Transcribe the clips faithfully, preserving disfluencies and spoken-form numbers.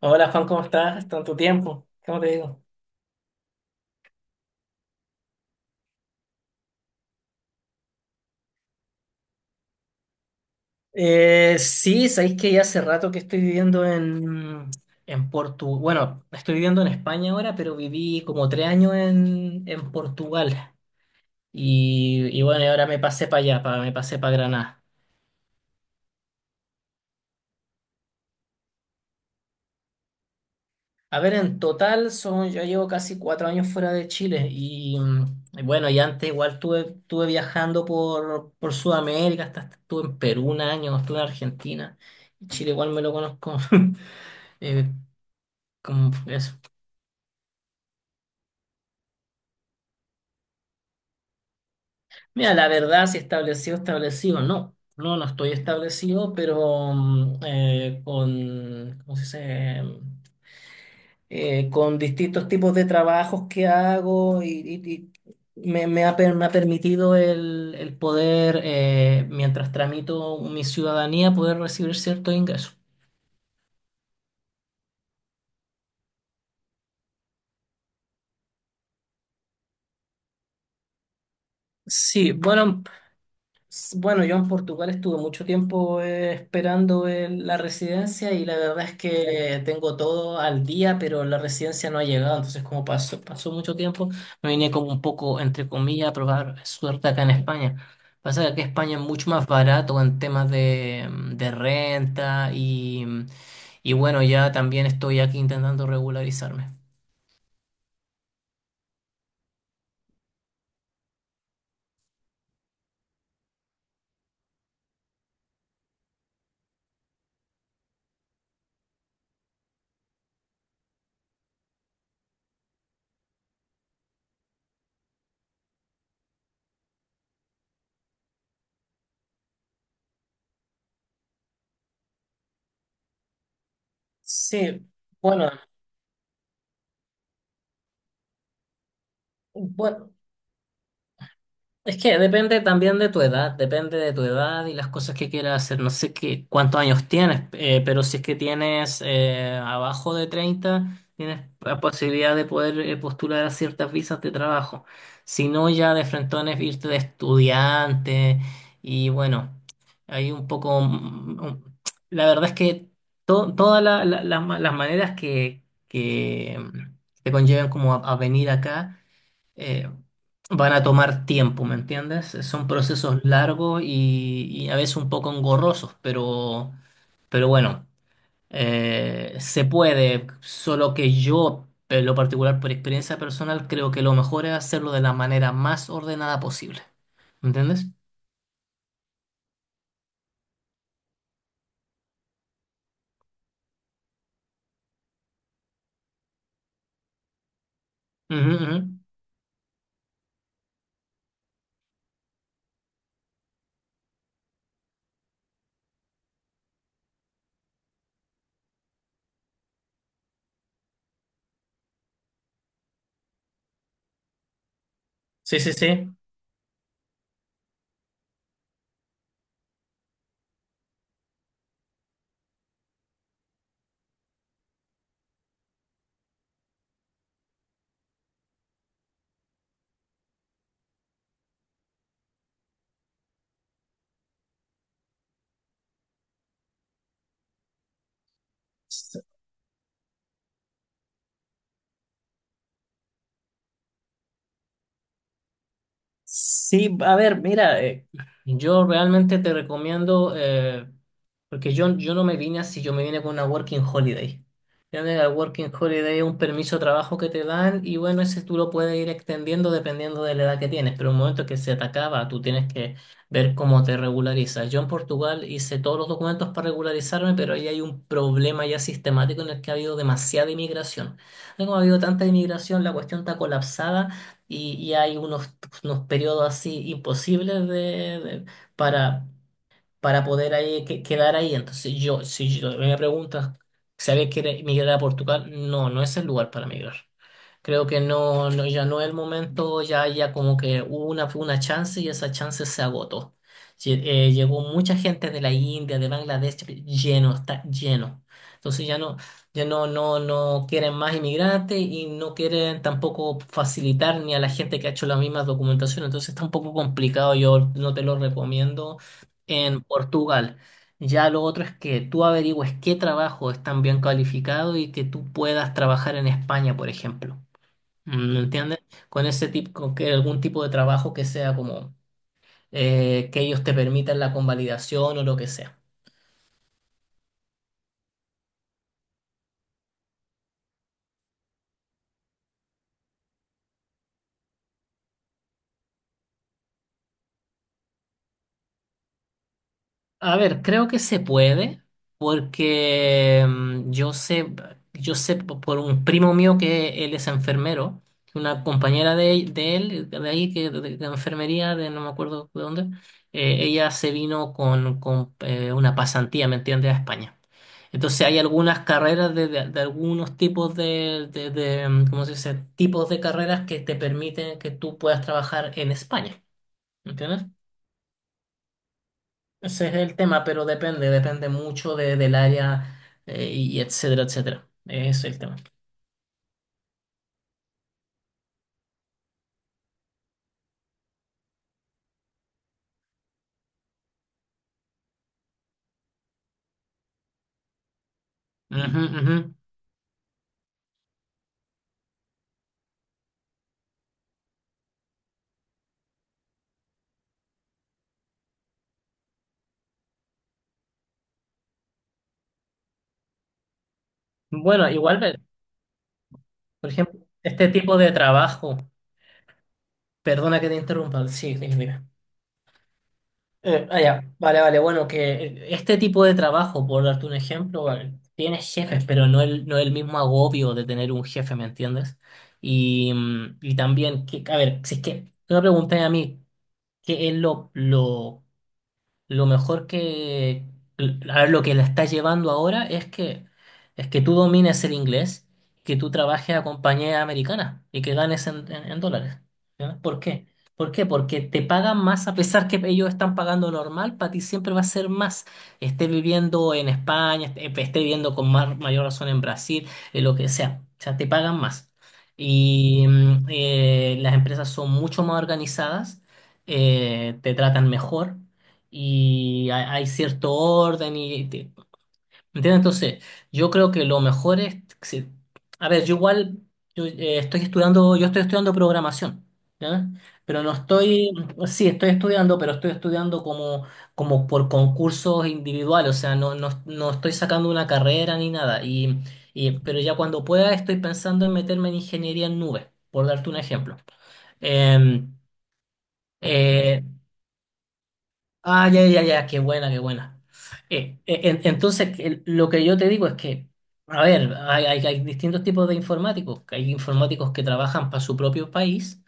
Hola Juan, ¿cómo estás? Tanto tiempo, ¿cómo te digo? Eh, sí, sabéis que ya hace rato que estoy viviendo en, en Portugal. Bueno, estoy viviendo en España ahora, pero viví como tres años en, en Portugal. Y, y bueno, y ahora me pasé para allá, pa- me pasé para Granada. A ver, en total son, yo llevo casi cuatro años fuera de Chile. Y, mm, y bueno, y antes igual estuve, estuve viajando por, por Sudamérica, hasta estuve en Perú un año, estuve en Argentina. Y Chile igual me lo conozco. Eh, Como eso. Mira, la verdad, si establecido, establecido, no. No, no estoy establecido, pero mm, eh, con, ¿cómo se dice? Eh, con distintos tipos de trabajos que hago y, y- y me, me ha, per- me ha permitido el, el poder, eh, mientras tramito mi ciudadanía, poder recibir cierto ingreso. Sí, bueno. S- Bueno, yo en Portugal estuve mucho tiempo eh, esperando el- la residencia y la verdad es que tengo todo al día, pero la residencia no ha llegado. Entonces, como pasó, pasó mucho tiempo, me vine como un poco, entre comillas, a probar suerte acá en España. Pasa que aquí España es mucho más barato en temas de, mm, de renta y, mm, y bueno, ya también estoy aquí intentando regularizarme. Sí, bueno, bueno. Es que depende también de tu edad, depende de tu edad y las cosas que quieras hacer. No sé qué, cuántos años tienes, eh, pero si es que tienes eh, abajo de treinta tienes la posibilidad de poder eh, postular a ciertas visas de trabajo. Si no, ya de frentón es irte de estudiante y bueno, hay un poco mm, un- la verdad es que to- todas la- la- las ma- las maneras que, que mm, te conllevan como a a venir acá, eh, van a tomar tiempo, ¿me entiendes? Son procesos largos y, y a veces un poco engorrosos, pero, pero bueno, eh, se puede, solo que yo, en lo particular por experiencia personal, creo que lo mejor es hacerlo de la manera más ordenada posible, ¿me entiendes? Ujú, ujú. Sí, sí, sí. Sí, a ver, mira, eh, yo realmente te recomiendo, eh, porque yo, yo no me vine así, yo me vine con una working holiday. Ya de La working holiday es un permiso de trabajo que te dan y bueno, ese tú lo puedes ir extendiendo dependiendo de la edad que tienes, pero en el momento que se te acaba, tú tienes que ver cómo te regularizas. Yo en Portugal hice todos los documentos para regularizarme, pero ahí hay un problema ya sistemático en el que ha habido demasiada inmigración. Como ha habido tanta inmigración, la cuestión está colapsada y, y hay unos unos periodos así imposibles de, de- para, para poder ahí, que- quedar ahí. Entonces yo, si yo me preguntas, ¿sabes que migrar a Portugal? No, no es el lugar para migrar. Creo que no, no, ya no es el momento, ya, ya como que hubo una, fue una chance y esa chance se agotó. Lle- eh, llegó mucha gente de la India, de Bangladesh, lleno, está lleno. Entonces ya no, ya no, no, no quieren más inmigrantes y no quieren tampoco facilitar ni a la gente que ha hecho la misma documentación. Entonces está un poco complicado, yo no te lo recomiendo en Portugal. Ya lo otro es que tú averigües qué trabajo es tan bien calificado y que tú puedas trabajar en España, por ejemplo. Mm, ¿Me entiendes? Con ese tipo, con que algún tipo de trabajo que sea como, eh, que ellos te permitan la convalidación o lo que sea. A ver, creo que se puede, porque mm, yo sé, yo sé po- por un primo mío que él es enfermero, que una compañera de, de él, de ahí, que de, de enfermería, de no me acuerdo de dónde, eh, ella se vino con, con, eh, una pasantía, ¿me entiendes?, a España. Entonces hay algunas carreras de, de- de algunos tipos de, de, de, mm, ¿cómo se dice?, tipos de carreras que te permiten que tú puedas trabajar en España, ¿me entiendes? Ese es el tema, pero depende, depende mucho de, del área, eh, y etcétera, etcétera. Ese es el tema. Ujú, ujú. Bueno, igual, ve- por ejemplo, este tipo de trabajo, perdona que te interrumpa, sí, dime, dime. Eh, ah, ya, vale, vale, bueno, que eh, este tipo de trabajo, por darte un ejemplo, vale, tienes jefes, pero no el, no el mismo agobio de tener un jefe, ¿me entiendes? Y, mm, y también, que, a ver, si es que tú me preguntas a mí, ¿qué es lo, lo lo mejor que, a ver, lo que la está llevando ahora es que, es que tú domines el inglés, que tú trabajes a compañías americanas y que ganes en, en- en dólares. ¿Ya? ¿Por qué? ¿Por qué? Porque te pagan más a pesar que ellos están pagando normal, para ti siempre va a ser más. Esté viviendo en España, esté, esté viviendo con más, mayor razón en Brasil, en lo que sea. O sea, te pagan más. Y mm, eh, las empresas son mucho más organizadas, eh, te tratan mejor y hay, hay cierto orden y te- ¿Entiendes? Entonces, yo creo que lo mejor es si- a ver, yo igual yo, eh, estoy estudiando, yo estoy estudiando programación, ¿ya? Pero no estoy, sí, estoy estudiando, pero estoy estudiando como, como por concursos individuales, o sea, no, no, no estoy sacando una carrera ni nada. Y, y- pero ya cuando pueda estoy pensando en meterme en ingeniería en nubes, por darte un ejemplo. Em, eh, Ah, ya, ya, ya, qué buena, qué buena. Eh, eh, en- entonces, el- lo que yo te digo es que, a ver, hay, hay- hay distintos tipos de informáticos. Hay informáticos que trabajan para su propio país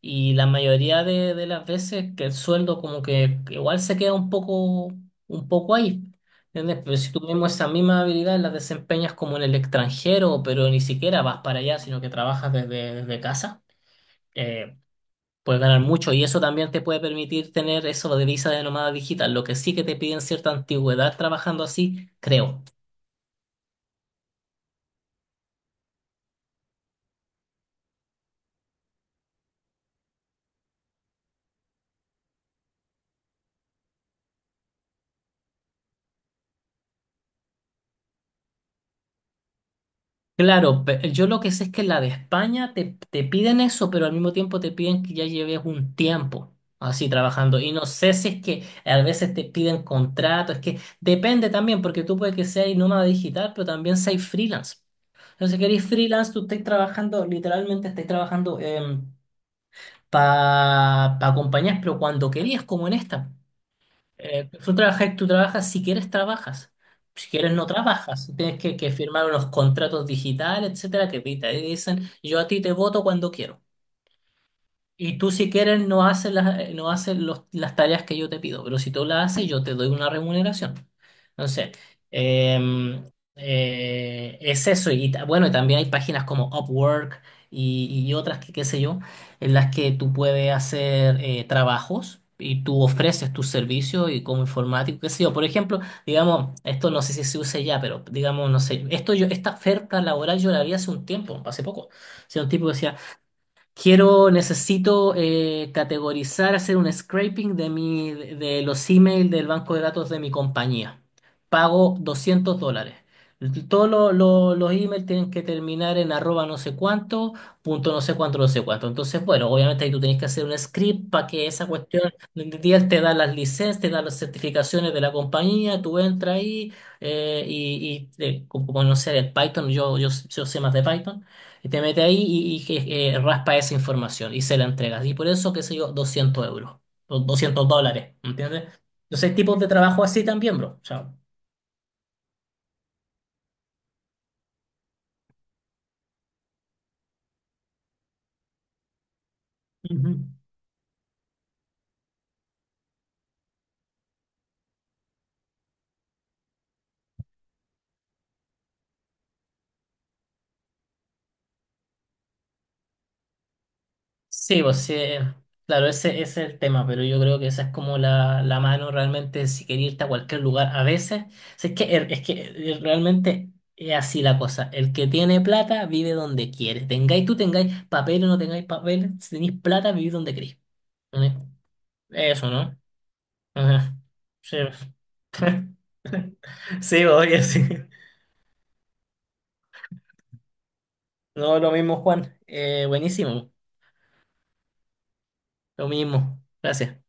y la mayoría de, de las veces que el sueldo como que igual se queda un poco, un poco ahí. ¿Entiendes? Pero si tú mismo esa misma habilidad la desempeñas como en el extranjero, pero ni siquiera vas para allá, sino que trabajas desde, desde casa. eh, Puedes ganar mucho y eso también te puede permitir tener eso de visa de nómada digital, lo que sí que te piden cierta antigüedad trabajando así, creo. Claro, pe- yo lo que sé es que la de España te, te piden eso, pero al mismo tiempo te piden que ya lleves un tiempo así trabajando. Y no sé si es que a veces te piden contrato, es que depende también, porque tú puedes que seas nómada digital, pero también seas freelance. Entonces, si eres freelance, tú estás trabajando, literalmente estás trabajando para compañías, pero cuando querías, como en esta. Eh, tú trabajas, tú trabajas, si quieres trabajas, si quieres no trabajas, tienes que, que firmar unos contratos digitales, etcétera, que te te dicen, yo a ti te voto cuando quiero. Y tú si quieres no haces las, eh, no haces los- las tareas que yo te pido, pero si tú las haces yo te doy una remuneración. Entonces, em, eh, es eso. Y ta- bueno, y también hay páginas como Upwork y, y otras que qué sé yo, en las que tú puedes hacer eh, trabajos y tú ofreces tus servicios y como informático, qué sé yo. Por ejemplo, digamos, esto no sé si se usa ya, pero digamos, no sé, esto yo, esta oferta laboral yo la vi hace un tiempo, hace poco. O sea, un tipo decía: quiero, necesito eh, categorizar, hacer un scraping de mi, de los emails del banco de datos de mi compañía. Pago doscientos dólares. Todos lo- lo- los emails tienen que terminar en arroba no sé cuánto, punto no sé cuánto, no sé cuánto. Entonces, bueno, obviamente ahí tú tenés que hacer un script para que esa cuestión, día te da las licencias, te da las certificaciones de la compañía, tú entras ahí, eh, y, y, eh, como, como no sé, el Python, yo, yo, yo sé más de Python. Te mete ahí y, y eh, raspa esa información y se la entregas. Y por eso, qué sé yo, doscientos euros o doscientos dólares, ¿entiendes? Entonces hay tipos de trabajo así también, bro. O sea, ujú. Sí, pues sí, eh, claro, ese, ese es el tema, pero yo creo que esa es como la, la mano realmente si quería irte a cualquier lugar. A veces, si es que, es que eh, realmente es así la cosa. El que tiene plata vive donde quiere. Tengáis, tú tengáis papel o no tengáis papel, si tenéis plata, vivís donde queréis. ¿Entiendes? Eso, ¿no? Ajá. Sí, pues. Sí, oye, sí. No, lo mismo, Juan. Eh, buenísimo. Lo mismo. Gracias.